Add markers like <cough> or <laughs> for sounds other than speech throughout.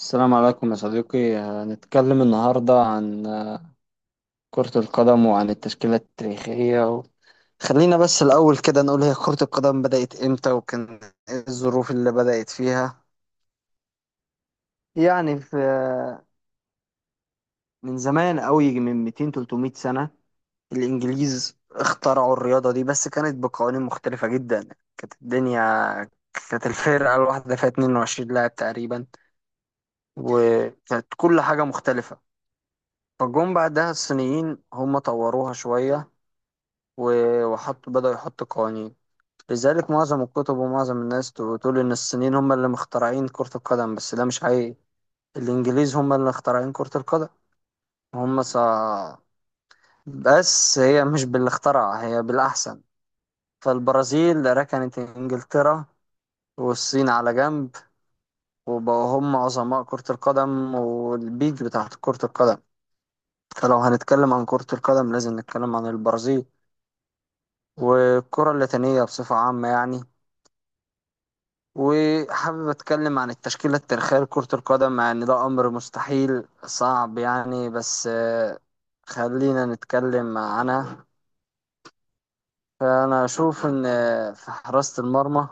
السلام عليكم يا صديقي، هنتكلم النهاردة عن كرة القدم وعن التشكيلة التاريخية خلينا بس الأول كده نقول هي كرة القدم بدأت إمتى وكان إيه الظروف اللي بدأت فيها. يعني في من زمان قوي، من 200 300 سنة الإنجليز اخترعوا الرياضة دي، بس كانت بقوانين مختلفة جدا. كانت الدنيا كانت الفرقة الواحدة فيها 22 لاعب تقريبا، وكانت كل حاجة مختلفة. فجم بعدها الصينيين هم طوروها شوية و- وحطوا بدأوا يحطوا قوانين. لذلك معظم الكتب ومعظم الناس تقول إن الصينيين هم اللي مخترعين كرة القدم، بس ده مش حقيقي. الإنجليز هم اللي مخترعين كرة القدم. هم ص... بس هي مش باللي اخترع، هي بالأحسن. فالبرازيل ركنت إنجلترا والصين على جنب، وبقوا هم عظماء كرة القدم والبيج بتاعت كرة القدم. فلو هنتكلم عن كرة القدم لازم نتكلم عن البرازيل والكرة اللاتينية بصفة عامة يعني. وحابب أتكلم عن التشكيلة التاريخية لكرة القدم، مع إن ده أمر مستحيل صعب يعني، بس خلينا نتكلم عنها. فأنا أشوف إن في حراسة المرمى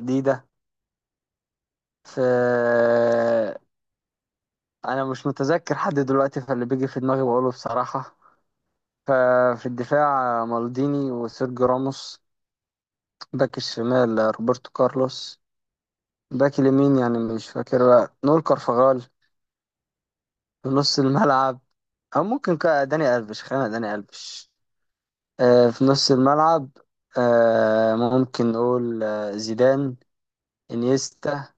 ديدا. في آه، أنا مش متذكر حد دلوقتي، فاللي بيجي في دماغي بقوله بصراحة. ففي الدفاع مالديني وسيرجيو راموس. باك الشمال روبرتو كارلوس. باك اليمين يعني مش فاكر بقى، نور كارفاغال. في نص الملعب، او ممكن داني الفيش، خلينا داني الفيش. آه في نص الملعب، آه ممكن نقول زيدان، انيستا،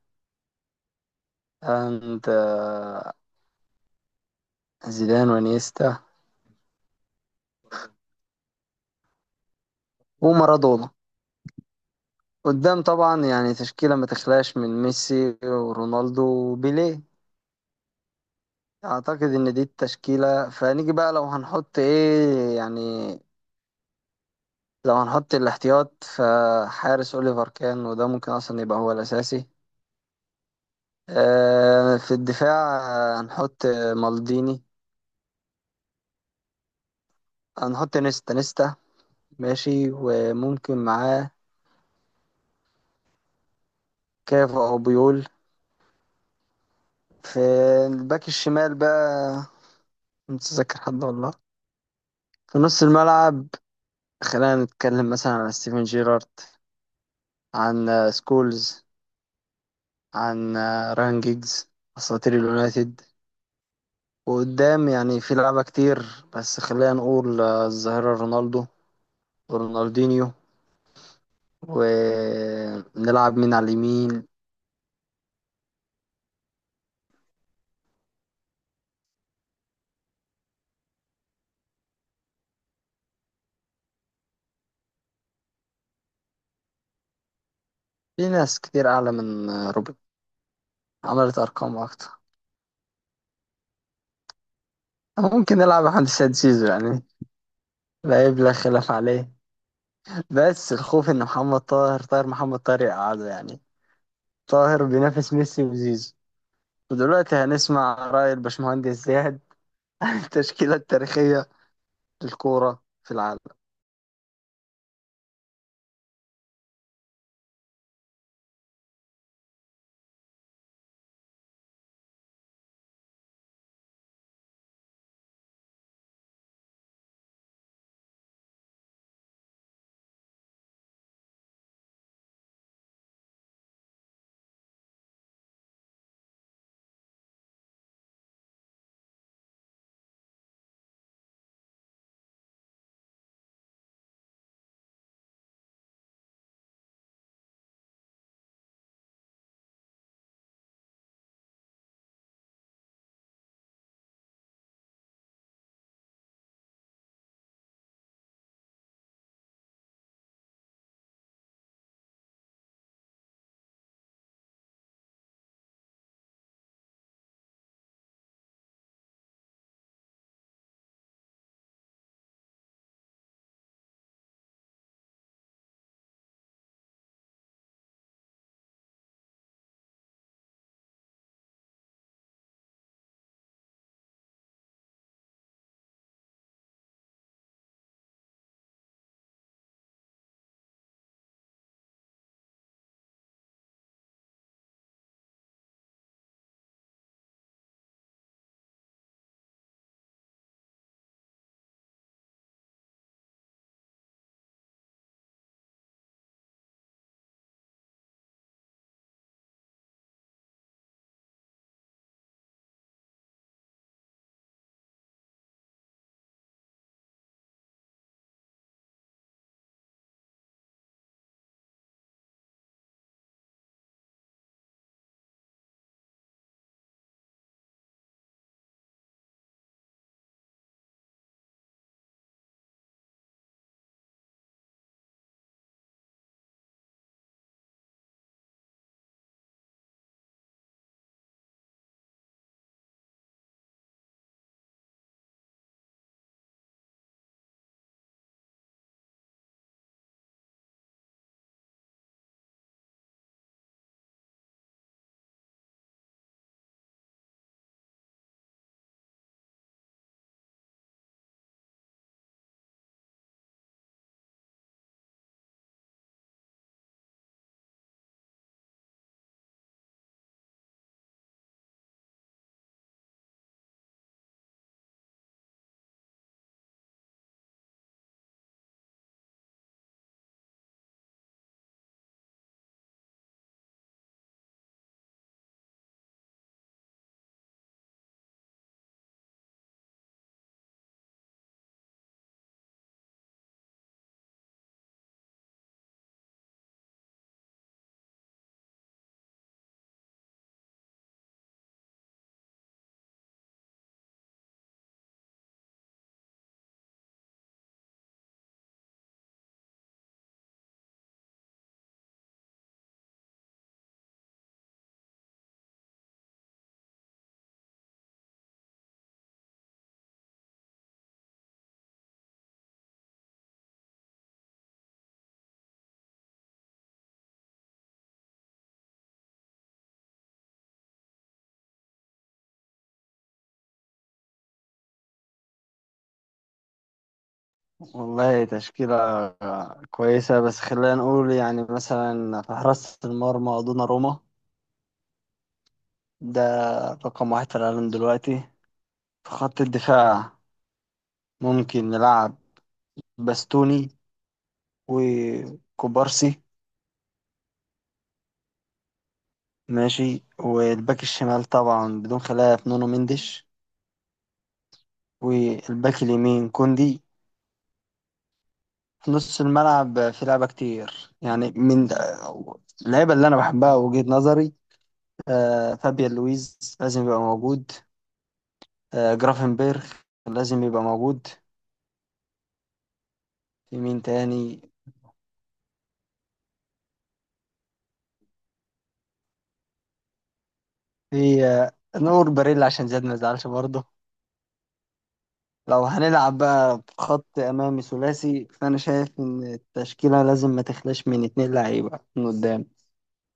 اند آه زيدان وانيستا ومارادونا. قدام طبعا يعني تشكيلة ما تخلاش من ميسي ورونالدو وبيليه. اعتقد ان دي التشكيلة. فنيجي بقى لو هنحط ايه يعني، لو هنحط الاحتياط، فحارس اوليفر كان، وده ممكن اصلا يبقى هو الاساسي. في الدفاع هنحط مالديني، هنحط نيستا ماشي، وممكن معاه كافو أو بيول. في الباك الشمال بقى، متذكر حد والله. في نص الملعب خلينا نتكلم مثلا عن ستيفن جيرارد، عن سكولز، عن راهان جيجز، أساطير اليونايتد. وقدام يعني في لعبة كتير، بس خلينا نقول الظاهرة رونالدو ورونالدينيو. ونلعب مين على اليمين؟ في ناس كتير أعلى من روبن، عملت أرقام أكتر. ممكن نلعب عند سيد زيزو يعني، لا يبلغ خلاف عليه، بس الخوف إن محمد طاهر، طاهر محمد طاهر يقعده يعني. طاهر بينافس ميسي وزيزو. ودلوقتي هنسمع رأي الباشمهندس زياد <laughs> التشكيلة التاريخية للكورة في العالم. والله تشكيلة كويسة، بس خلينا نقول يعني مثلا في حراسة المرمى دوناروما، ده رقم واحد في العالم دلوقتي. في خط الدفاع ممكن نلعب باستوني وكوبارسي ماشي. والباك الشمال طبعا بدون خلاف نونو مندش. والباك اليمين كوندي. في نص الملعب في لعبة كتير يعني، من اللعيبة اللي أنا بحبها وجهة نظري، فابيان لويز لازم يبقى موجود، جرافنبرغ لازم يبقى موجود. في مين تاني؟ في نور باريلا عشان زياد ما يزعلش برضه. لو هنلعب بقى بخط أمامي ثلاثي، فأنا شايف إن التشكيلة لازم ما تخلاش من اتنين لعيبة من قدام،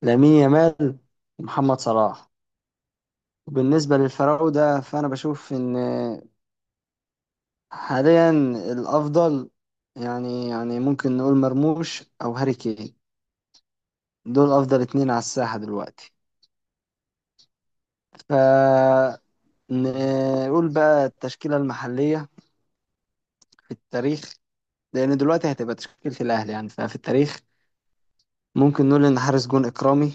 لامين يامال ومحمد صلاح. وبالنسبة للفراودة، فأنا بشوف إن حاليا الأفضل يعني، يعني ممكن نقول مرموش أو هاري كين، دول أفضل اتنين على الساحة دلوقتي. فنقول بقى التشكيلة المحلية في التاريخ، لأن دلوقتي هتبقى تشكيلة الأهلي يعني. ففي التاريخ ممكن نقول إن حارس جون إكرامي،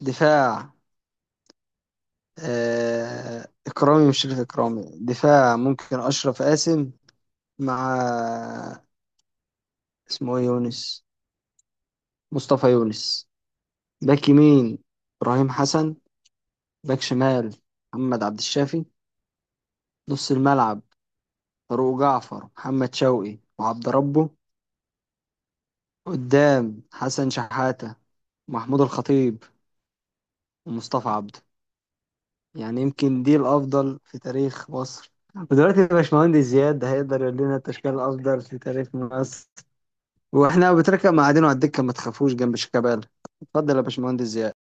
دفاع إكرامي وشريف إكرامي. دفاع ممكن أشرف قاسم مع اسمه إيه، يونس، مصطفى يونس. باك يمين إبراهيم حسن. باك شمال محمد عبد الشافي. نص الملعب فاروق جعفر، محمد شوقي، وعبد ربه. قدام حسن شحاتة، محمود الخطيب، ومصطفى عبده. يعني يمكن دي الأفضل في تاريخ مصر. ودلوقتي باشمهندس زياد هيقدر يقول لنا التشكيلة الأفضل في تاريخ مصر، واحنا بتركب قاعدين على الدكه ما تخافوش جنب شيكابالا. اتفضل يا باشمهندس زياد.